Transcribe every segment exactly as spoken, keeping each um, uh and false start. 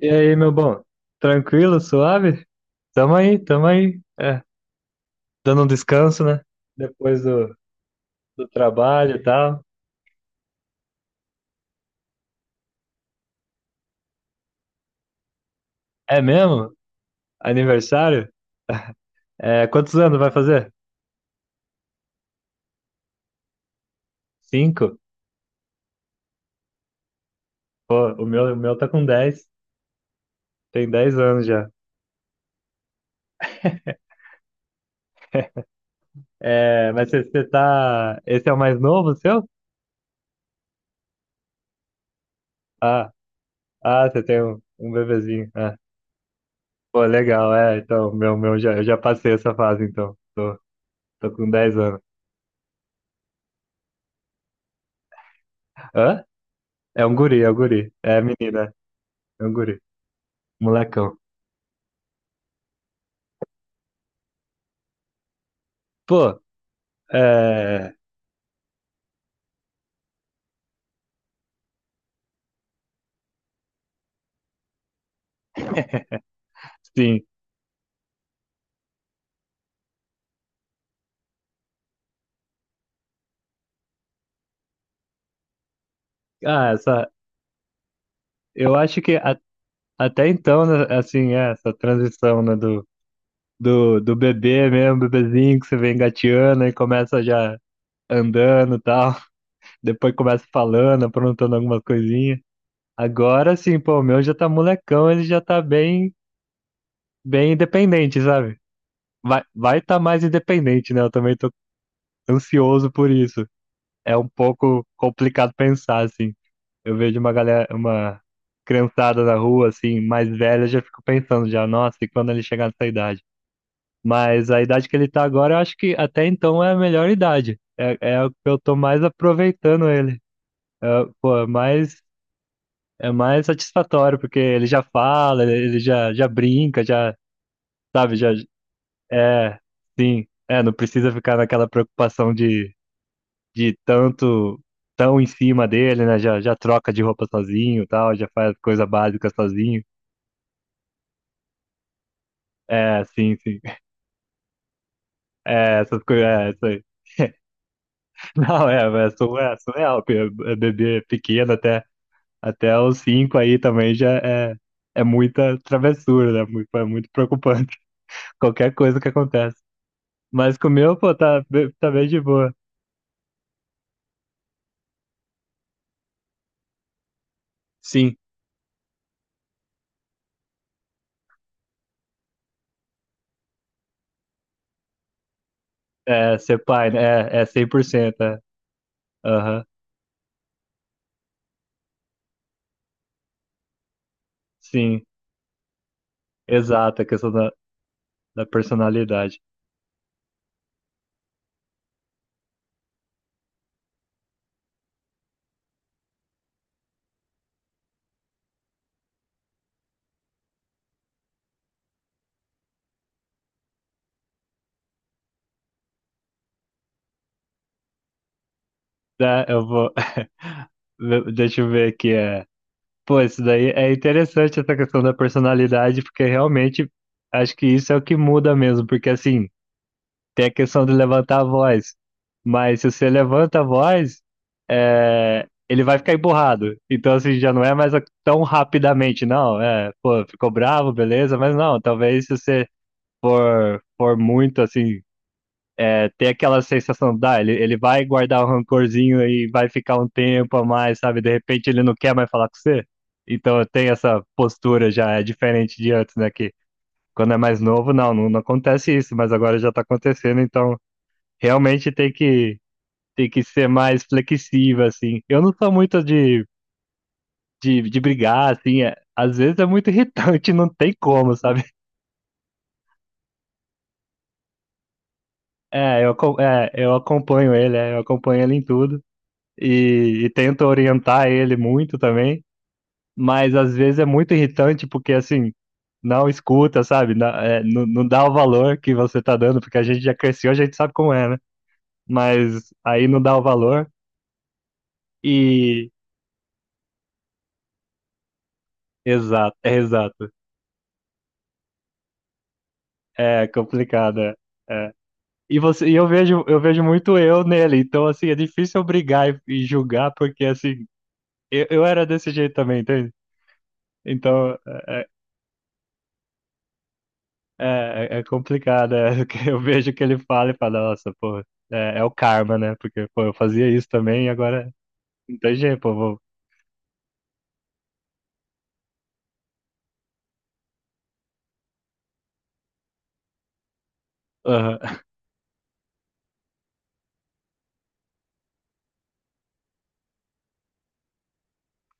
E aí, meu bom? Tranquilo, suave? Tamo aí, tamo aí. É, dando um descanso, né? Depois do, do trabalho e tal. É mesmo? Aniversário? É, quantos anos vai fazer? Cinco? Pô, o meu, o meu tá com dez. Tem dez anos já. É, mas você você tá. Esse é o mais novo seu? Ah, ah, você tem um, um bebezinho. Ah, pô, legal, é. Então, meu, meu, já, eu já passei essa fase, então. Tô, tô com dez anos. Hã? É um guri, é um guri. É menina, é um guri. Molecão. Pô, é. Sim. Ah, essa. Eu acho que a- Até então, né, assim, é, essa transição, né, do, do, do bebê mesmo, bebezinho que você vem engateando e começa já andando e tal. Depois começa falando, aprontando alguma coisinha. Agora sim, pô, o meu já tá molecão, ele já tá bem, bem independente, sabe? Vai, vai tá mais independente, né? Eu também tô ansioso por isso. É um pouco complicado pensar, assim. Eu vejo uma galera, uma criançada na rua, assim, mais velha, já fico pensando já, nossa, e quando ele chegar nessa idade? Mas a idade que ele tá agora, eu acho que até então é a melhor idade. É, é o que eu tô mais aproveitando ele. É, pô, é mais, é mais satisfatório, porque ele já fala, ele ele já, já brinca, já, sabe, já, é, sim, é, não precisa ficar naquela preocupação de de tanto tão em cima dele, né? Já, já troca de roupa sozinho, e tal, já faz coisa básica sozinho. É, sim, sim. É, essas coisas, é, isso aí. Não, é, é, su- é surreal, porque é bebê pequeno até, até os cinco aí também já é, é muita travessura, né? Muito, é muito preocupante, qualquer coisa que acontece. Mas com o meu, pô, tá, be- tá bem de boa. Sim, é, ser pai, né? É, é cem por cento, é. Aham, sim, exato, a questão da, da personalidade. Tá, eu vou. Deixa eu ver aqui. É... Pô, isso daí é interessante essa questão da personalidade, porque realmente acho que isso é o que muda mesmo, porque assim, tem a questão de levantar a voz, mas se você levanta a voz, é... ele vai ficar emburrado. Então, assim, já não é mais a- tão rapidamente, não. É, pô, ficou bravo, beleza, mas não, talvez se você for, for muito assim é, ter aquela sensação, dá, ele, ele vai guardar o rancorzinho e vai ficar um tempo a mais, sabe? De repente ele não quer mais falar com você. Então eu tenho essa postura já, é diferente de antes, né? Que quando é mais novo, não, não, não acontece isso, mas agora já tá acontecendo, então realmente tem que, tem que ser mais flexível, assim. Eu não sou muito de, de, de brigar, assim, é- às vezes é muito irritante, não tem como, sabe? É, eu, acom- é, eu acompanho ele, é, eu acompanho ele em tudo. e, e tento orientar ele muito também, mas às vezes é muito irritante porque assim, não escuta, sabe? Não, é, não, não dá o valor que você tá dando, porque a gente já cresceu, a gente sabe como é, né? Mas aí não dá o valor e. Exato, é exato. É complicado, é. É. E você, e eu vejo, eu vejo muito eu nele, então assim, é difícil eu brigar e, e julgar, porque assim, eu, eu era desse jeito também, entende? Então, é, é É, é é complicado, é, que eu vejo o que ele fala e falo, nossa, pô, é, é o karma, né? Porque, pô, eu fazia isso também e agora não tem jeito, pô, vou... Aham,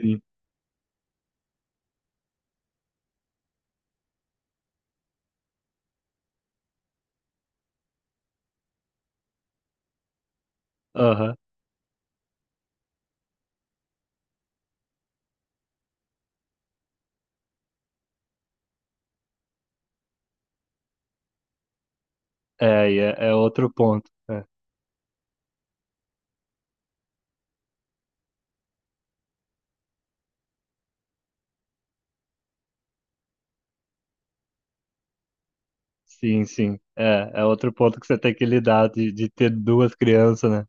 sim, aham, é, e é, é outro ponto, é. Sim, sim, é, é outro ponto que você tem que lidar de, de ter duas crianças, né?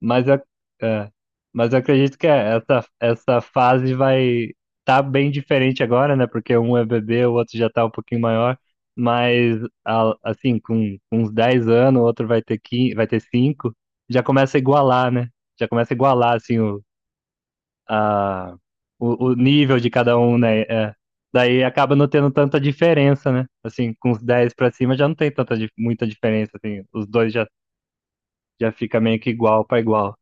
Mas eu, é, mas eu acredito que é, essa, essa fase vai tá bem diferente agora, né? Porque um é bebê, o outro já tá um pouquinho maior. Mas, a- assim, com, com uns dez anos, o outro vai ter quinze, vai ter cinco já começa a igualar, né? Já começa a igualar, assim, o, a, o, o nível de cada um, né? É. Daí acaba não tendo tanta diferença, né? Assim, com os dez pra cima já não tem tanta, dif- muita diferença, assim. Os dois já, já fica meio que igual pra igual.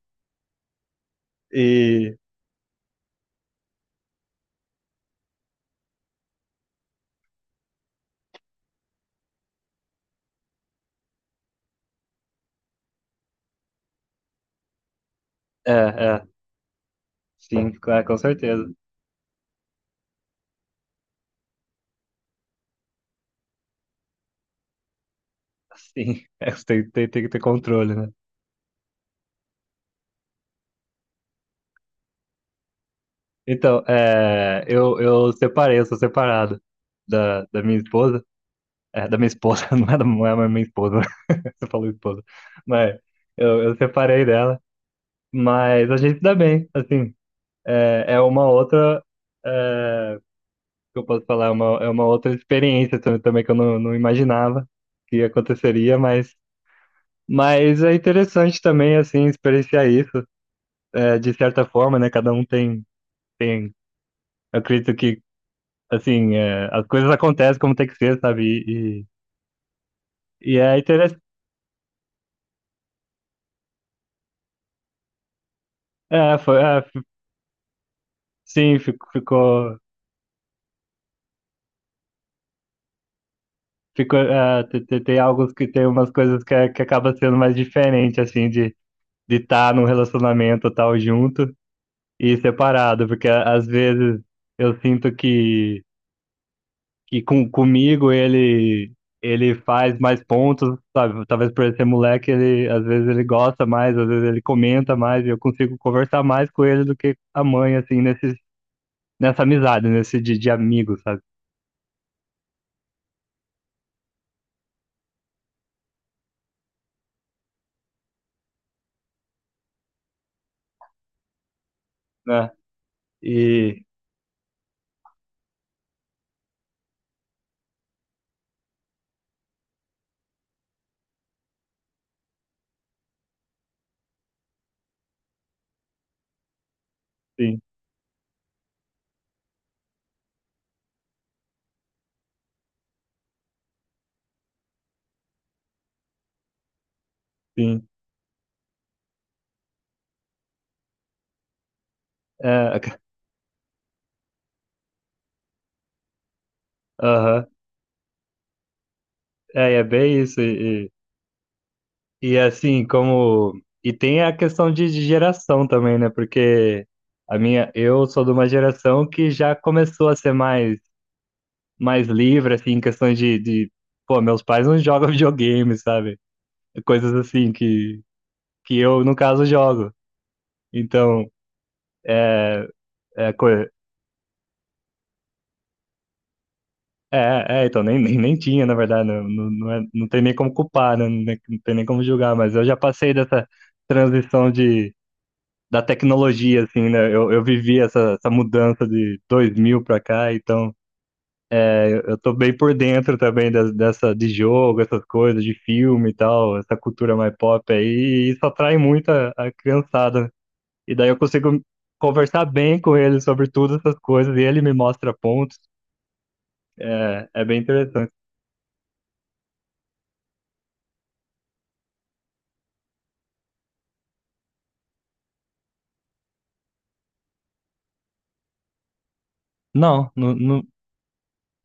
E é, é, sim, claro, com certeza. Sim, é, você tem, tem, tem que ter controle, né? Então, é, eu, eu separei, eu sou separado da, da minha esposa. É, da minha esposa, não é da não é mais minha esposa, você falou esposa. Mas eu, eu separei dela, mas a gente se dá bem, assim. É, é uma outra, é, que eu posso falar, é uma, é uma outra experiência tam- também que eu não, não imaginava que aconteceria, mas, mas é interessante também, assim, experienciar isso é, de certa forma, né? Cada um tem, tem, eu acredito que, assim, é, as coisas acontecem como tem que ser, sabe? E, e, e é interessante. É, foi, é, f- sim, fico- ficou, ficou, é, te- te- tem, alguns que tem umas coisas que, é- que acaba sendo mais diferente, assim, de de estar num relacionamento tal junto e separado, porque às vezes eu sinto que que com, comigo ele ele faz mais pontos, sabe? Talvez por ele ser moleque, ele às vezes ele gosta mais, às vezes ele comenta mais, e eu consigo conversar mais com ele do que a mãe, assim, nesse, nessa amizade, nesse de, de amigo, sabe? Né? E sim, sim. É, aham. É, é bem isso. E, e, e, assim, como. E tem a questão de, de geração também, né? Porque a minha, eu sou de uma geração que já começou a ser mais mais livre, assim, em questões de, de, pô, meus pais não jogam videogame, sabe? Coisas assim que, que eu, no caso, jogo. Então, é, é, co- é, é, então, nem, nem, nem tinha, na verdade, não, não, não, é- não tem nem como culpar, né? Não tem não tem nem como julgar, mas eu já passei dessa transição de, da tecnologia, assim, né? Eu, eu vivi essa, essa mudança de dois mil pra cá, então eu tô bem por dentro também das- dessa de jogo, essas coisas, de filme e tal, essa cultura mais pop aí, e isso atrai muito a, a criançada. Né? E daí eu consigo conversar bem com ele sobre todas essas coisas, e ele me mostra pontos. É, é bem interessante. Não, não, não-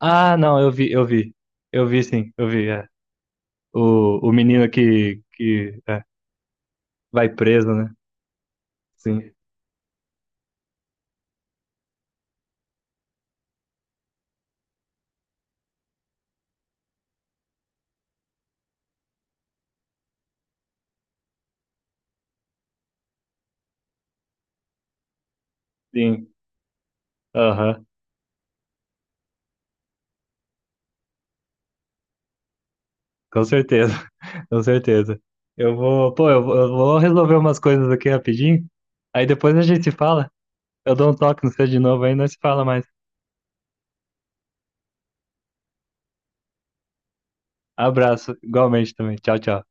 Ah, não, eu vi, eu vi. Eu vi sim, eu vi. É. O, o menino que, que é, vai preso, né? Sim, sim. Aham, com certeza. Com certeza. Eu vou, pô, eu, vou- eu vou resolver umas coisas aqui rapidinho. Aí depois a gente se fala. Eu dou um toque no seu de novo aí, nós se fala mais. Abraço, igualmente também. Tchau, tchau.